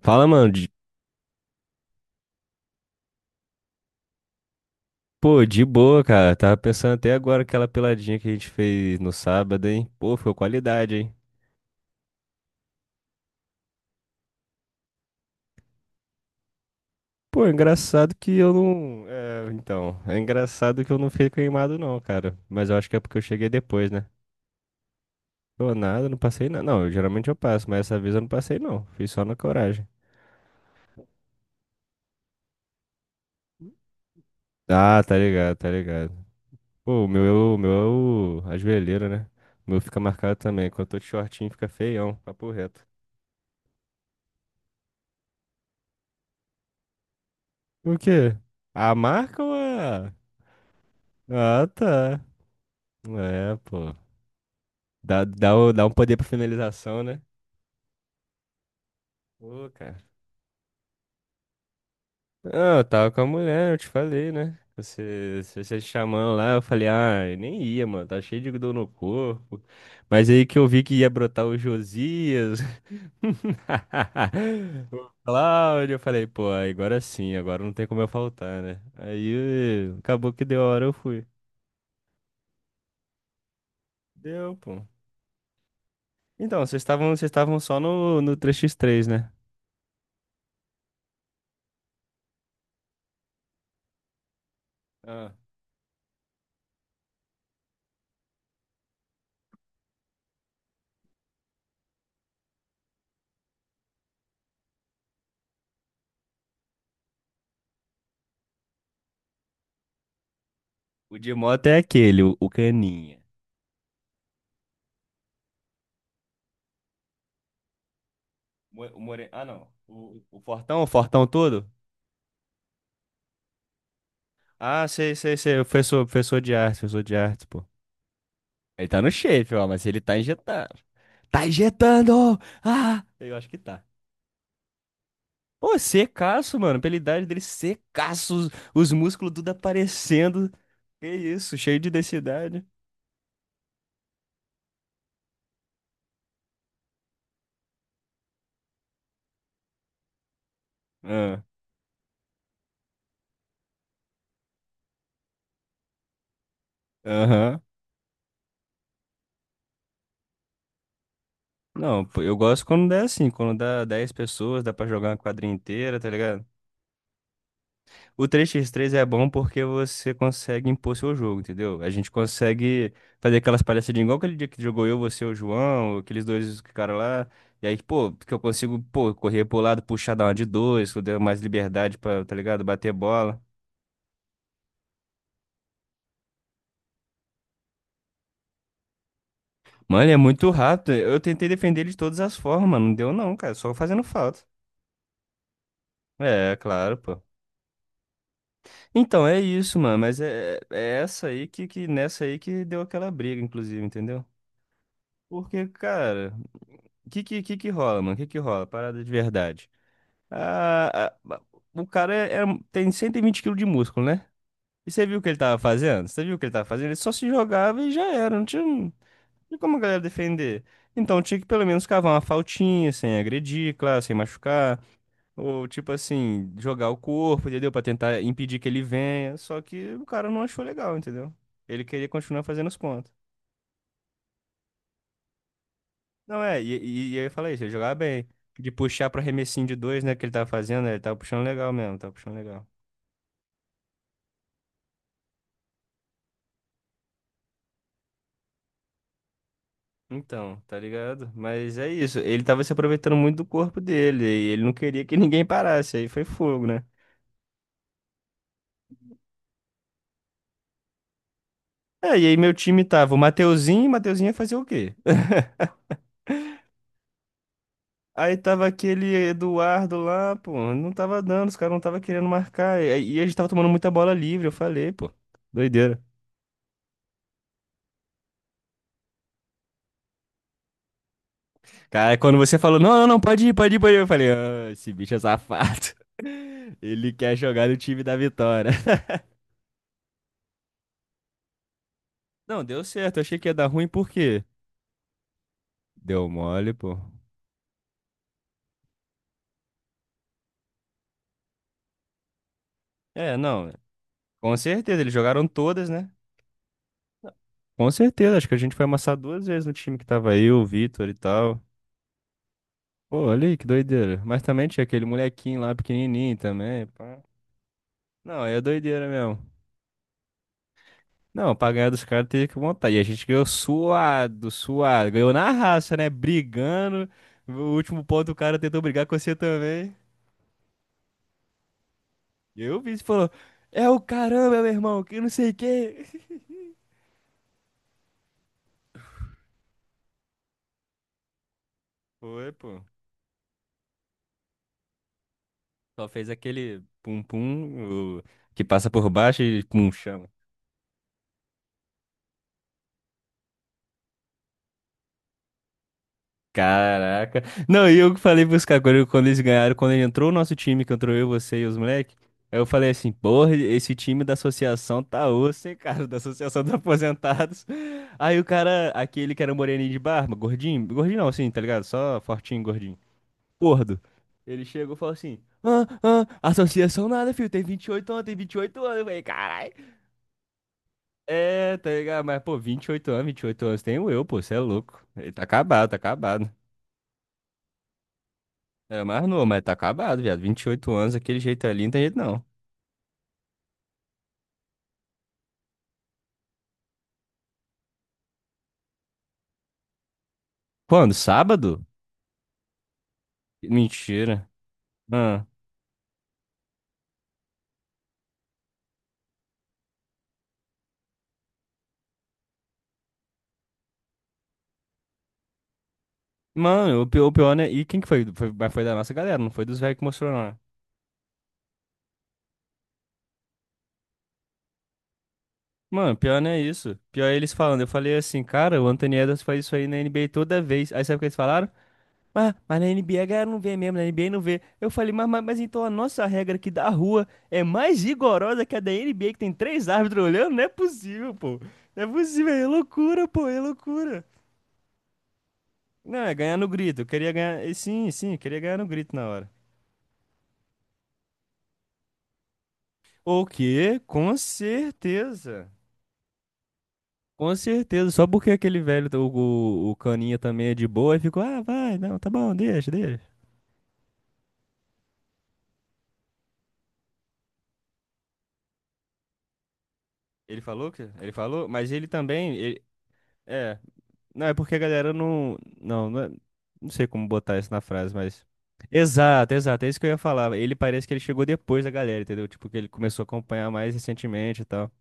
Fala, mano. De- Pô, de boa, cara. Tava pensando até agora aquela peladinha que a gente fez no sábado, hein? Pô, ficou qualidade, hein? Pô, é engraçado que eu não. É, então, é engraçado que eu não fiquei queimado, não, cara. Mas eu acho que é porque eu cheguei depois, né? Pô, nada, não passei nada. Não, eu- geralmente eu passo, mas essa vez eu não passei, não. Fiz só na coragem. Ah, tá ligado, tá ligado. Pô, o meu, é o meu é o. A joelheira, né? O meu fica marcado também. Quando eu tô de shortinho, fica feião, papo reto. O quê? A marca ou a. Ah, tá. É, pô. Dá, dá, o- dá um poder pra finalização, né? Pô, cara. Ah, eu tava com a mulher, eu te falei, né? Você, você chamando lá, eu falei, ah, eu nem ia, mano, tá cheio de dor no corpo. Mas aí que eu vi que ia brotar o Josias, o Cláudio, eu falei, pô, agora sim, agora não tem como eu faltar, né? Aí acabou que deu a hora, eu fui. Deu, pô. Então, vocês estavam só no três x três, né? Ah. O de moto é aquele, o caninha. Mo- O more... Ah, não. O, o fortão todo? Ah, sei. O professor, professor de arte, pô. Ele tá no shape, ó, mas ele tá injetando. Tá injetando! Ah! Eu acho que tá. Pô, secaço, mano. Pela idade dele, secaço. Os músculos tudo aparecendo. Que isso, cheio de densidade. Ah, aham. Não, pô, eu gosto quando dá assim. Quando dá 10 pessoas, dá pra jogar uma quadrinha inteira, tá ligado? O três x três é bom porque você consegue impor seu jogo, entendeu? A gente consegue fazer aquelas palhaçadinhas igual aquele dia que jogou eu, você, o João, aqueles dois caras lá. E aí, pô, que eu consigo, pô, correr pro lado, puxar dar uma de dois, que eu dei mais liberdade pra, tá ligado? Bater bola. Mano, ele é muito rápido. Eu tentei defender ele de todas as formas, mano. Não deu não, cara. Só fazendo falta. É, claro, pô. Então, é isso, mano. Mas essa aí que nessa aí que deu aquela briga, inclusive, entendeu? Porque, cara. Que que rola, mano? Que rola? Parada de verdade. Ah, ah, o cara é, é- um, tem 120 quilos de músculo, né? E você viu o que ele tava fazendo? Você viu o que ele tava fazendo? Ele só se jogava e já era. Não tinha como a galera defender. Então tinha que pelo menos cavar uma faltinha, sem agredir, claro, sem machucar. Ou tipo assim, jogar o corpo, entendeu? Pra tentar impedir que ele venha. Só que o cara não achou legal, entendeu? Ele queria continuar fazendo os pontos. Não, é, e eu falei isso, ele jogava bem. De puxar pro arremessinho de dois, né, que ele tava fazendo, ele tava puxando legal mesmo, tava puxando legal. Então, tá ligado? Mas é isso, ele tava se aproveitando muito do corpo dele, e ele não queria que ninguém parasse, aí foi fogo, né? É, e aí meu time tava o Mateuzinho, e Mateuzinho ia fazer o quê? Aí tava aquele Eduardo lá, pô, não tava dando, os caras não tava querendo marcar, e a gente tava tomando muita bola livre, eu falei, pô, doideira. Cara, quando você falou, não, pode ir, pode ir, eu falei, "Ah, esse bicho é safado. Ele quer jogar no time da vitória." Não, deu certo, eu achei que ia dar ruim, por quê? Deu mole, pô. É, não, com certeza, eles jogaram todas, né? Com certeza, acho que a gente foi amassar duas vezes no time que tava eu, o Vitor e tal. Pô, olha aí, que doideira. Mas também tinha aquele molequinho lá, pequenininho também, pá. Não, aí é doideira mesmo. Não, pra ganhar dos caras teve que montar. E a gente ganhou suado, suado. Ganhou na raça, né? Brigando. O último ponto o cara tentou brigar com você também. E aí o vice falou: é o caramba, meu irmão, que não sei o quê. Foi, pô. Só fez aquele pum-pum o- que passa por baixo e pum, chama. Caraca. Não, e eu falei pros caras quando eles ganharam, quando ele entrou o nosso time, que entrou eu, você e os moleques, aí eu falei assim, porra, esse time da associação tá osso, hein, cara, da associação dos aposentados. Aí o cara, aquele que era um moreninho de barba, gordinho, gordinho não, assim, tá ligado? Só fortinho, gordinho, gordo. Ele chegou e falou assim, ah, associação nada, filho, tem 28 anos, tem 28 anos. Eu falei, caralho. É, tá ligado? Mas, pô, 28 anos, 28 anos, tem o eu, pô, você é louco. Ele tá acabado, tá acabado. É mais novo, mas tá acabado, viado. 28 anos, aquele jeito ali, não tem jeito não. Quando? Sábado? Mentira. Ah. Mano, o pior, né? E quem que foi? Foi- Mas foi da nossa galera, não foi dos velhos que mostrou, não, né? Mano, pior não é isso. Pior é eles falando. Eu falei assim, cara, o Anthony Edwards faz isso aí na NBA toda vez. Aí sabe o que eles falaram? Mas na NBA a galera não vê mesmo, na NBA não vê. Eu falei, mas então a nossa regra aqui da rua é mais rigorosa que a da NBA, que tem três árbitros olhando? Não é possível, pô. Não é possível, é loucura, pô, é loucura. Não, é ganhar no grito. Eu queria ganhar. Sim, eu queria ganhar no grito na hora. O quê? Com certeza. Com certeza. Só porque aquele velho, o caninha também é de boa e ficou, ah, vai, não, tá bom, deixa, deixa. Ele falou que? Ele falou, mas ele também. Ele- é. Não, é porque a galera não. Não, é- não sei como botar isso na frase, mas. Exato, exato. É isso que eu ia falar. Ele parece que ele chegou depois da galera, entendeu? Tipo, que ele começou a acompanhar mais recentemente e tal.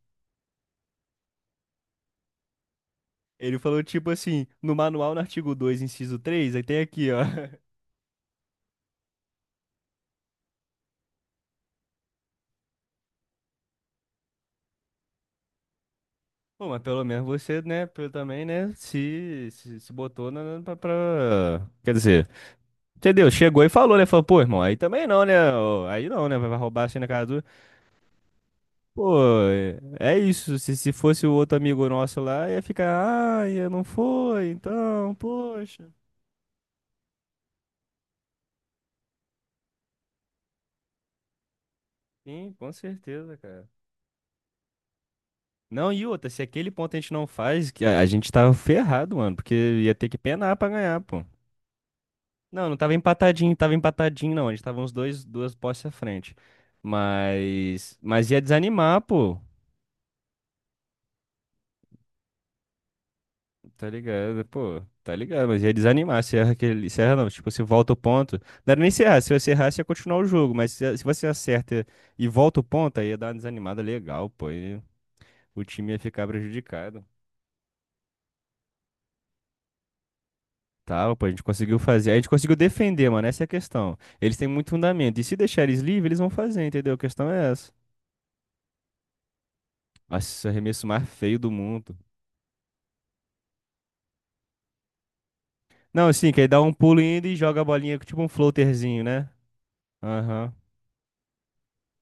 Ele falou tipo assim, no manual, no artigo 2 inciso 3 aí tem aqui, ó. Pô, mas pelo menos você, né, pelo- também, né, se botou na, na- pra, pra- Quer dizer, entendeu? Chegou e falou, né? Falou, pô, irmão, aí também não, né? Ô, aí não, né? Vai vai roubar assim na casa do... Pô, é é isso. Se fosse o outro amigo nosso lá, ia ficar, ah, ia não foi, então, poxa. Sim, com certeza, cara. Não, e outra, se aquele ponto a gente não faz, que a gente tava ferrado, mano, porque ia ter que penar pra ganhar, pô. Não, não tava empatadinho, tava empatadinho, não. A gente tava uns dois, duas postes à frente. Mas ia desanimar, pô. Tá ligado, pô. Tá ligado, mas ia desanimar. Se erra aquele, se erra não, tipo, se volta o ponto. Não era nem se errar, se você errasse ia continuar o jogo, mas se você acerta e volta o ponto, aí ia dar uma desanimada legal, pô. E o time ia ficar prejudicado. Tá, pô, a gente conseguiu fazer, a gente conseguiu defender, mano, essa é a questão. Eles têm muito fundamento, e se deixar eles livres, eles vão fazer, entendeu? A questão é essa. Nossa, arremesso mais feio do mundo. Não, assim, que aí dá um pulo indo e joga a bolinha com tipo um floaterzinho, né? Aham.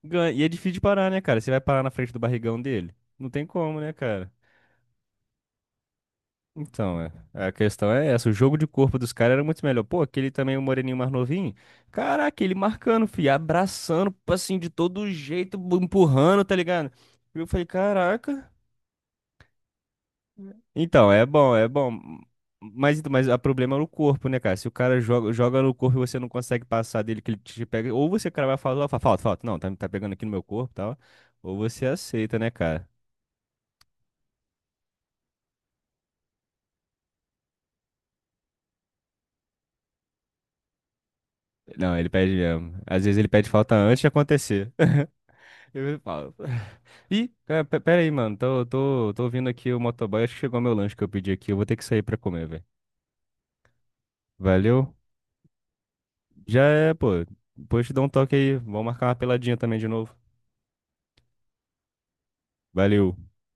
Ganha- e é difícil de parar, né, cara? Você vai parar na frente do barrigão dele? Não tem como, né, cara? Então, é. A questão é essa. O jogo de corpo dos caras era muito melhor. Pô, aquele também, o moreninho mais novinho. Caraca, ele marcando, fi, abraçando, assim, de todo jeito, bu- empurrando, tá ligado? E eu falei, caraca. Então, é bom, é bom. Mas o problema é no corpo, né, cara? Se o cara joga, joga no corpo e você não consegue passar dele, que ele te pega. Ou você, cara, vai falar, fala, falta, falta. Não, tá, tá pegando aqui no meu corpo e tal. Ou você aceita, né, cara? Não, ele pede mesmo. Às vezes ele pede falta antes de acontecer. Eu falo. Ih, cara, pe- pera aí, mano. Tô ouvindo aqui o motoboy. Acho que chegou meu lanche que eu pedi aqui. Eu vou ter que sair pra comer, velho. Valeu. Já é, pô. Depois te dou um toque aí. Vamos marcar uma peladinha também de novo. Valeu.